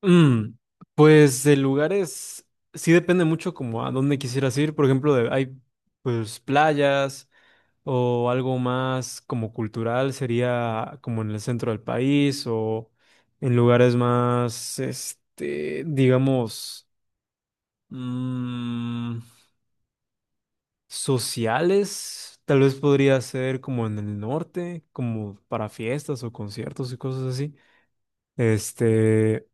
Mm, pues de lugares, sí depende mucho como a dónde quisieras ir. Por ejemplo, hay pues playas o algo más como cultural, sería como en el centro del país o en lugares más, este, digamos, mm, sociales. Tal vez podría ser como en el norte, como para fiestas o conciertos y cosas así. Este...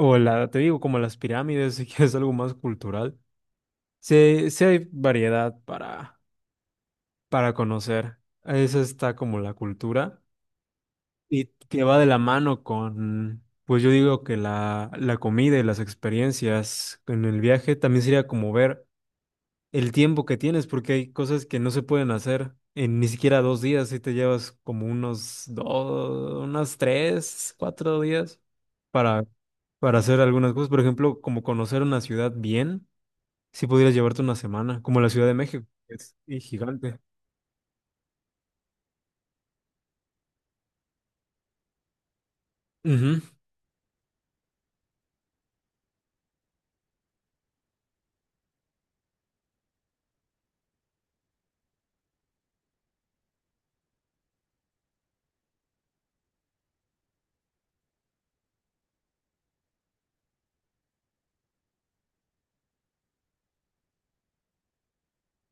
O la, te digo, como las pirámides, si quieres algo más cultural. Sí, sí hay variedad para conocer. Esa está como la cultura y que va de la mano con, pues yo digo que la comida y las experiencias en el viaje también sería como ver el tiempo que tienes, porque hay cosas que no se pueden hacer en ni siquiera dos días, si te llevas como unos dos, unas tres, cuatro días para, para hacer algunas cosas. Por ejemplo, como conocer una ciudad bien, si pudieras llevarte una semana, como la Ciudad de México, que es y gigante. Ujú.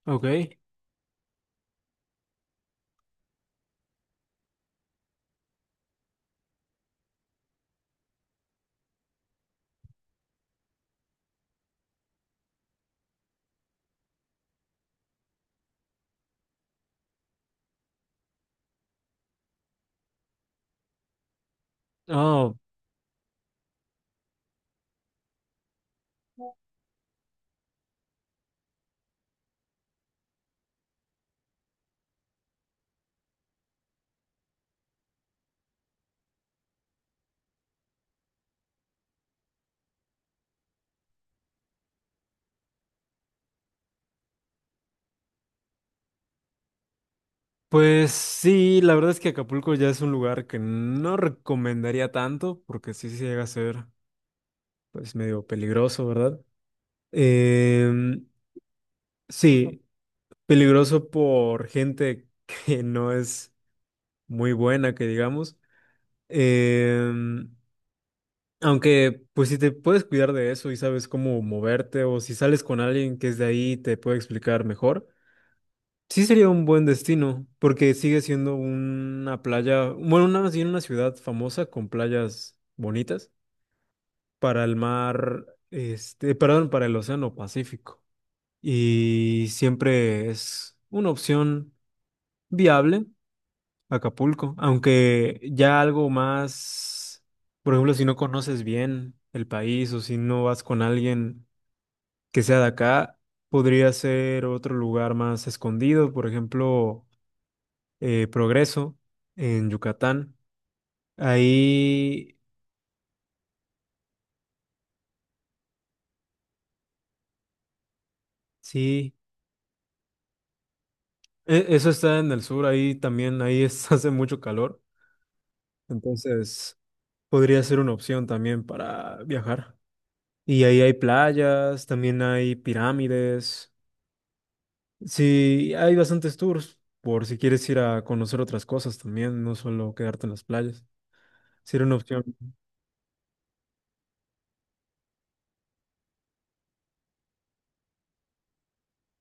Ok. Oh, pues sí, la verdad es que Acapulco ya es un lugar que no recomendaría tanto, porque sí, sí llega a ser pues medio peligroso, ¿verdad? Em, sí, peligroso por gente que no es muy buena, que digamos. Em, aunque, pues si te puedes cuidar de eso y sabes cómo moverte, o si sales con alguien que es de ahí y te puede explicar mejor, sí sería un buen destino, porque sigue siendo una playa, bueno, una, más bien una ciudad famosa con playas bonitas para el mar, este, perdón, para el Océano Pacífico. Y siempre es una opción viable. Acapulco, aunque ya algo más, por ejemplo, si no conoces bien el país o si no vas con alguien que sea de acá, podría ser otro lugar más escondido, por ejemplo, Progreso en Yucatán. Ahí sí, eso está en el sur, ahí también, hace mucho calor, entonces podría ser una opción también para viajar. Y ahí hay playas, también hay pirámides. Sí, hay bastantes tours por si quieres ir a conocer otras cosas también, no solo quedarte en las playas. Sí, era una opción.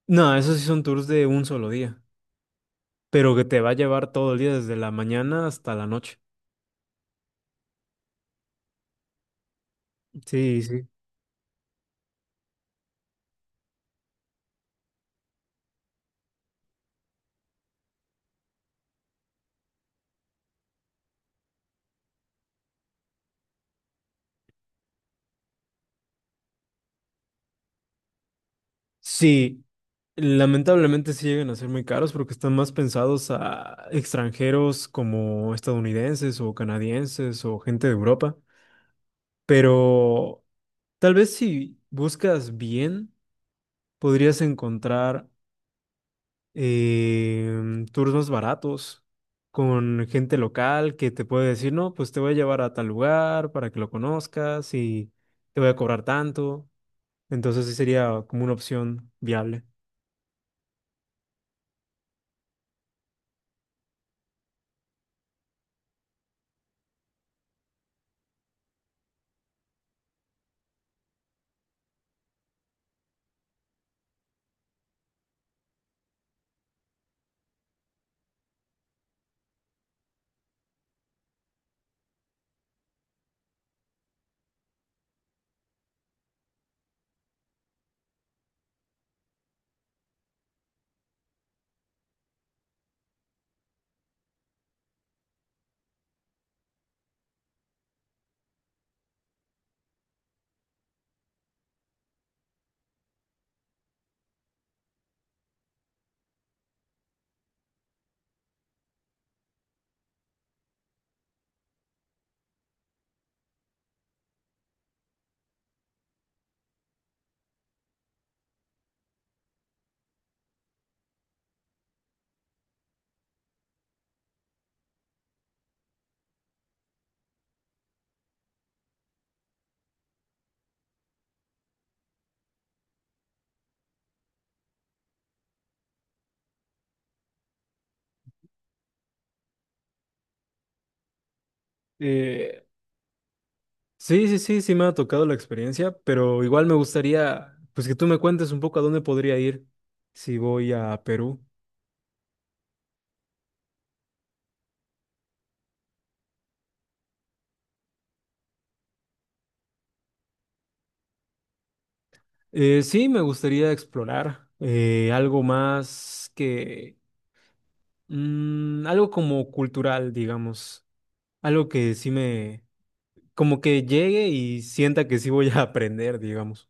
No, esos sí son tours de un solo día, pero que te va a llevar todo el día desde la mañana hasta la noche. Sí, sí. Sí, lamentablemente sí llegan a ser muy caros porque están más pensados a extranjeros como estadounidenses o canadienses o gente de Europa. Pero tal vez si buscas bien, podrías encontrar tours más baratos con gente local que te puede decir, no, pues te voy a llevar a tal lugar para que lo conozcas y te voy a cobrar tanto. Entonces sí sería como una opción viable. Eh, sí, sí, sí, sí me ha tocado la experiencia, pero igual me gustaría, pues que tú me cuentes un poco a dónde podría ir si voy a Perú. Sí, me gustaría explorar algo más que... algo como cultural, digamos. Algo que como que llegue y sienta que sí voy a aprender, digamos.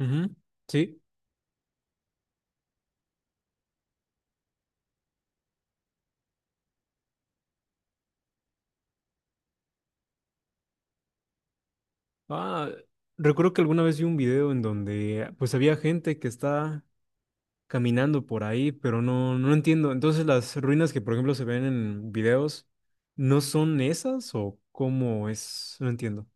Ujú. Sí. Ah, recuerdo que alguna vez vi un video en donde pues había gente que está caminando por ahí, pero no, no entiendo. Entonces las ruinas que por ejemplo se ven en videos, ¿no son esas o cómo es? No entiendo.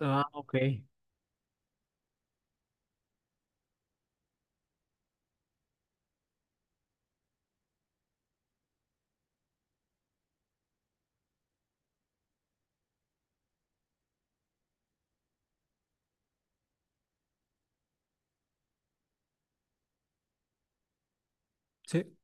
Ah, ok. Sí.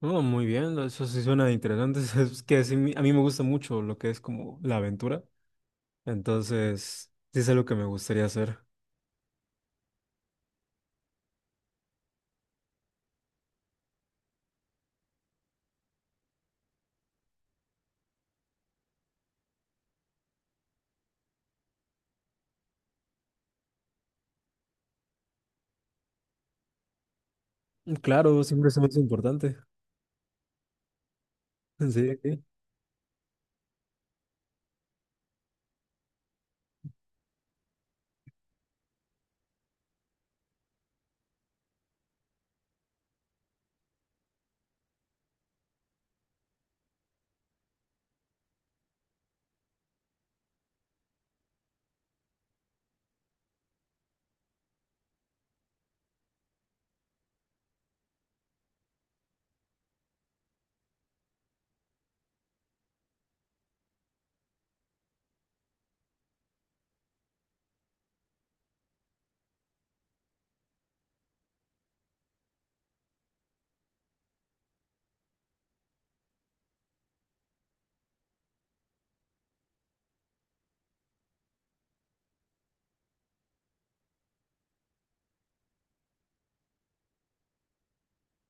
Oh, muy bien, eso sí suena interesante. Es que sí, a mí me gusta mucho lo que es como la aventura. Entonces, sí es algo que me gustaría hacer. Claro, siempre se me hace importante. Sí, sí.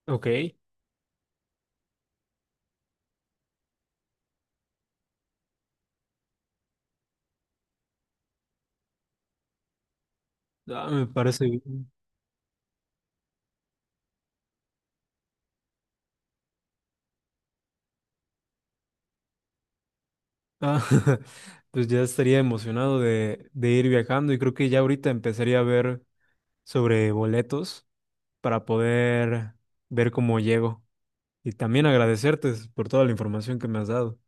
Ok. Ah, me parece bien. Ah, pues ya estaría emocionado de ir viajando y creo que ya ahorita empezaría a ver sobre boletos para poder ver cómo llego. Y también agradecerte por toda la información que me has dado.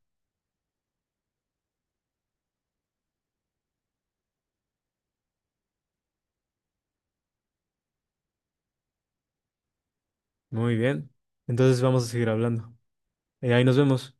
Muy bien. Entonces vamos a seguir hablando. Ahí nos vemos.